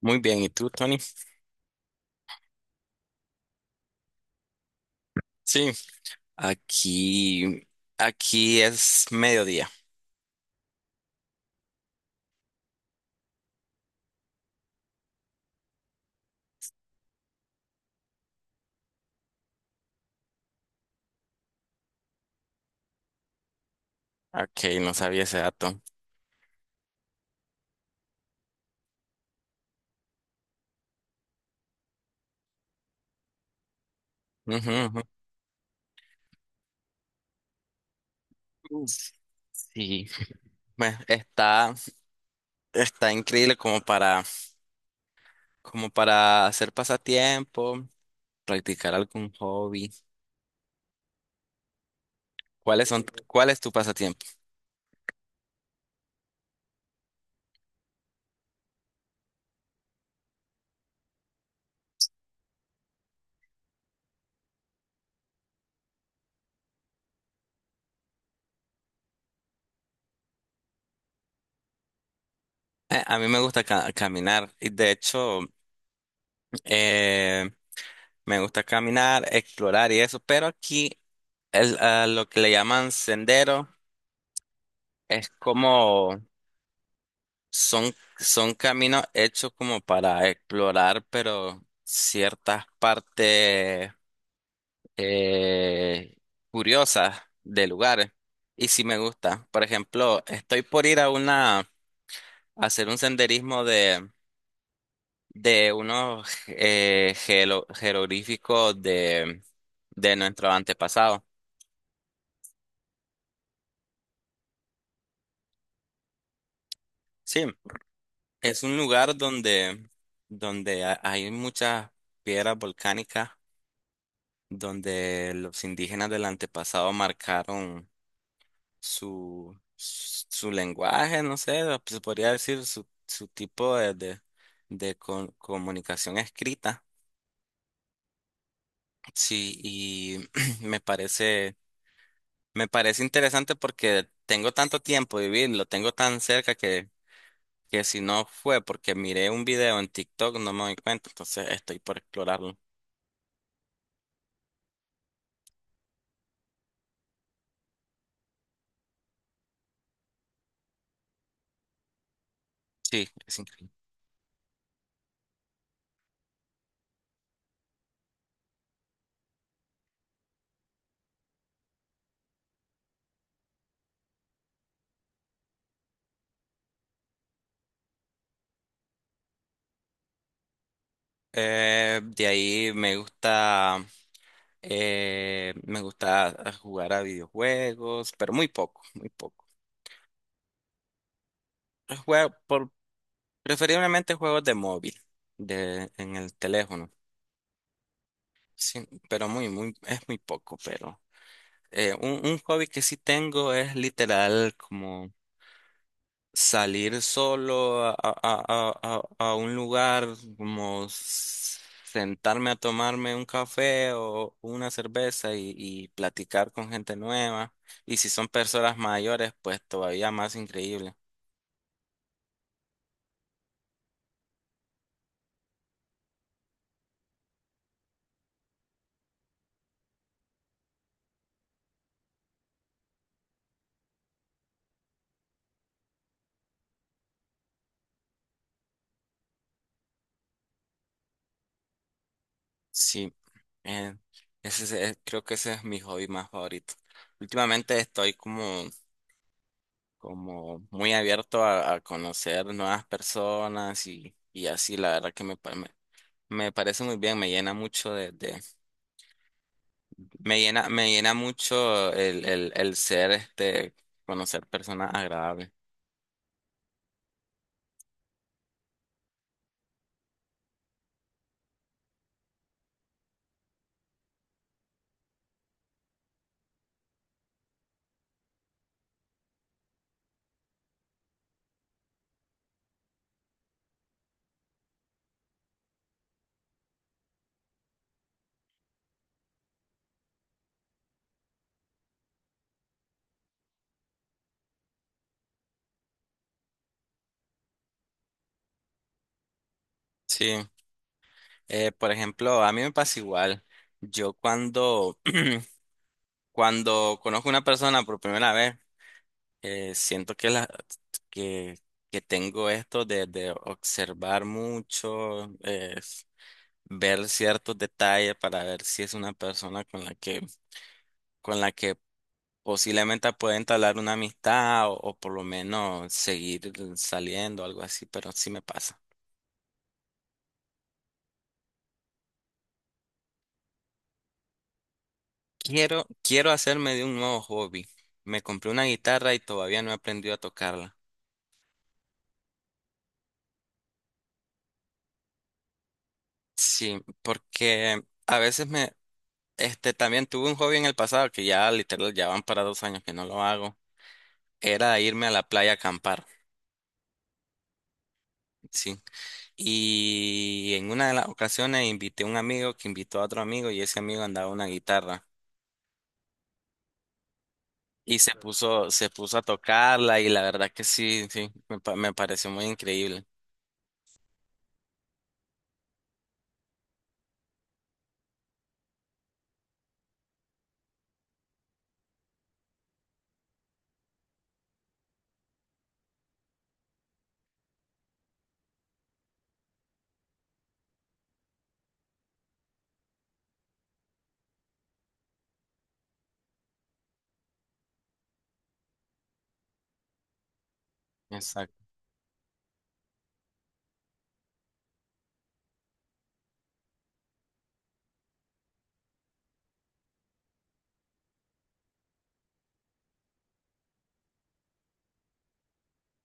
Muy bien, ¿y tú, Tony? Sí, aquí, aquí es mediodía. Ok, no sabía ese dato. Ujú, ujú. Uf. Sí, bueno, está increíble como para hacer pasatiempo, practicar algún hobby. ¿Cuál es tu pasatiempo? A mí me gusta caminar y de hecho, eh, me gusta caminar, explorar y eso, pero aquí lo que le llaman sendero es como… son caminos hechos como para explorar, pero ciertas partes eh, curiosas de lugares. Y sí me gusta. Por ejemplo, estoy por ir a una, a hacer un senderismo de unos jeroglíficos de nuestro antepasado. Sí, es un lugar donde hay muchas piedras volcánicas donde los indígenas del antepasado marcaron su lenguaje, no sé, se podría decir su tipo de comunicación escrita. Sí, y me parece, me parece interesante porque tengo tanto tiempo de vivirlo, tengo tan cerca que si no fue porque miré un video en TikTok no me doy cuenta, entonces estoy por explorarlo. Sí, es increíble. De ahí me gusta. Me gusta jugar a videojuegos, pero muy poco, muy poco. Juego por, Preferiblemente juegos de móvil, de, en el teléfono. Sí, pero muy, muy, es muy poco, pero un hobby que sí tengo es literal como salir solo a, a un lugar, como sentarme a tomarme un café o una cerveza y platicar con gente nueva. Y si son personas mayores, pues todavía más increíble. Sí, eh, creo que ese es mi hobby más favorito. Últimamente estoy como muy abierto a conocer nuevas personas y así, la verdad que me parece muy bien, me llena mucho. Me llena mucho el ser, este, conocer personas agradables. Sí, por ejemplo, a mí me pasa igual. Yo cuando, Cuando conozco una persona por primera vez, siento que, que tengo esto de observar mucho, ver ciertos detalles para ver si es una persona con la que… Con la que posiblemente pueda entablar una amistad o por lo menos seguir saliendo, algo así, pero sí me pasa. Quiero hacerme de un nuevo hobby. Me compré una guitarra y todavía no he aprendido a tocarla. Sí, porque a veces este, también tuve un hobby en el pasado que ya literal ya van para dos años que no lo hago. Era irme a la playa a acampar, sí. Y en una de las ocasiones invité a un amigo que invitó a otro amigo y ese amigo andaba una guitarra. Y se puso a tocarla y la verdad que sí, sí, me pareció muy increíble. Exacto.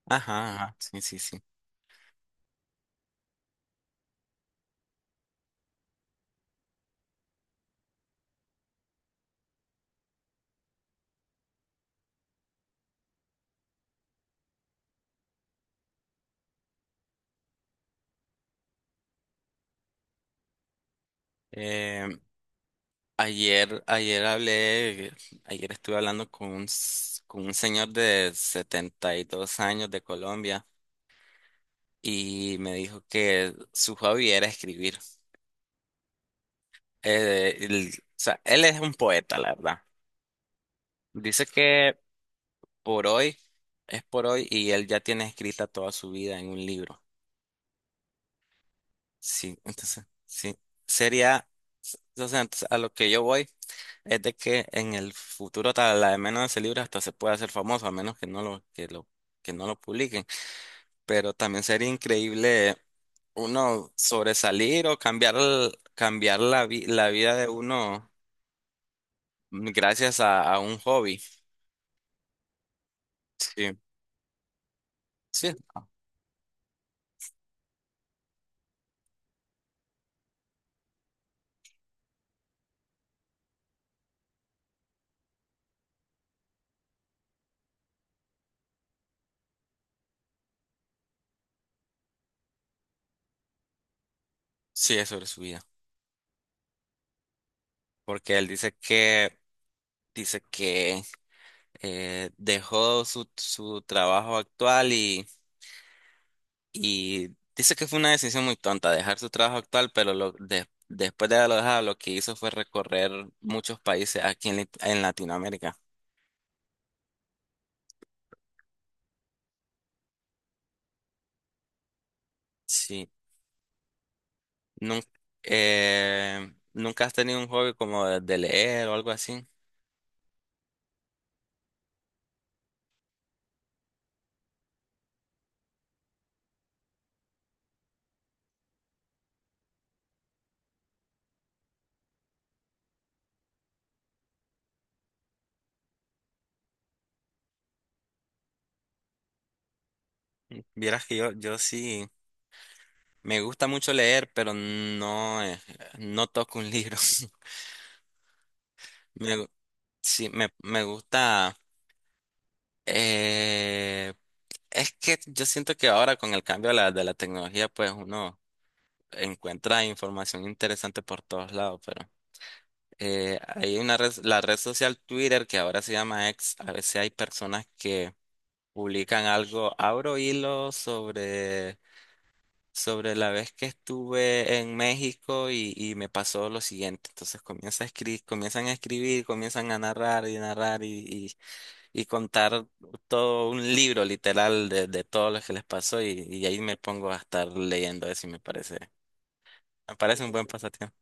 Ajá, ajá, sí, sí, sí. Eh, ayer, ayer hablé, Ayer estuve hablando con un, con un señor de 72 años de Colombia, y me dijo que su hobby era escribir. O sea, él es un poeta, la verdad. Dice que por hoy, es por hoy, y él ya tiene escrita toda su vida en un libro. Sí, entonces, sí. Sería, o sea, entonces, a lo que yo voy es de que en el futuro tal, la de menos de ese libro hasta se puede hacer famoso, a menos que no lo, que lo, que no lo publiquen. Pero también sería increíble uno sobresalir o cambiar la vida de uno gracias a un hobby. Sí, sí, sí, es sobre su vida. Porque él dice que dejó su trabajo actual. Y dice que fue una decisión muy tonta dejar su trabajo actual, pero después de haberlo dejado, lo que hizo fue recorrer muchos países aquí en, en Latinoamérica. Sí. Nunca, ¿nunca has tenido un hobby como de leer o algo así? Vieras que yo sí, me gusta mucho leer, pero no, no toco un libro. Me, gu- sí, me gusta. Eh, es que yo siento que ahora con el cambio de la tecnología, pues uno encuentra información interesante por todos lados, pero hay una red, la red social Twitter, que ahora se llama X, a veces hay personas que publican algo, abro hilo sobre la vez que estuve en México y me pasó lo siguiente, entonces comienzan a escribir, comienzan a narrar y narrar y contar todo un libro literal de todo lo que les pasó y ahí me pongo a estar leyendo eso y me parece… Me parece un buen pasatiempo.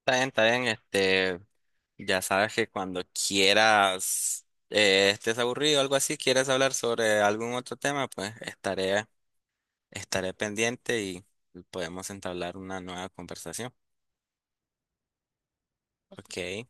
Está bien, este, ya sabes que cuando quieras, estés aburrido o algo así, quieres hablar sobre algún otro tema, pues estaré pendiente y podemos entablar una nueva conversación. Ok.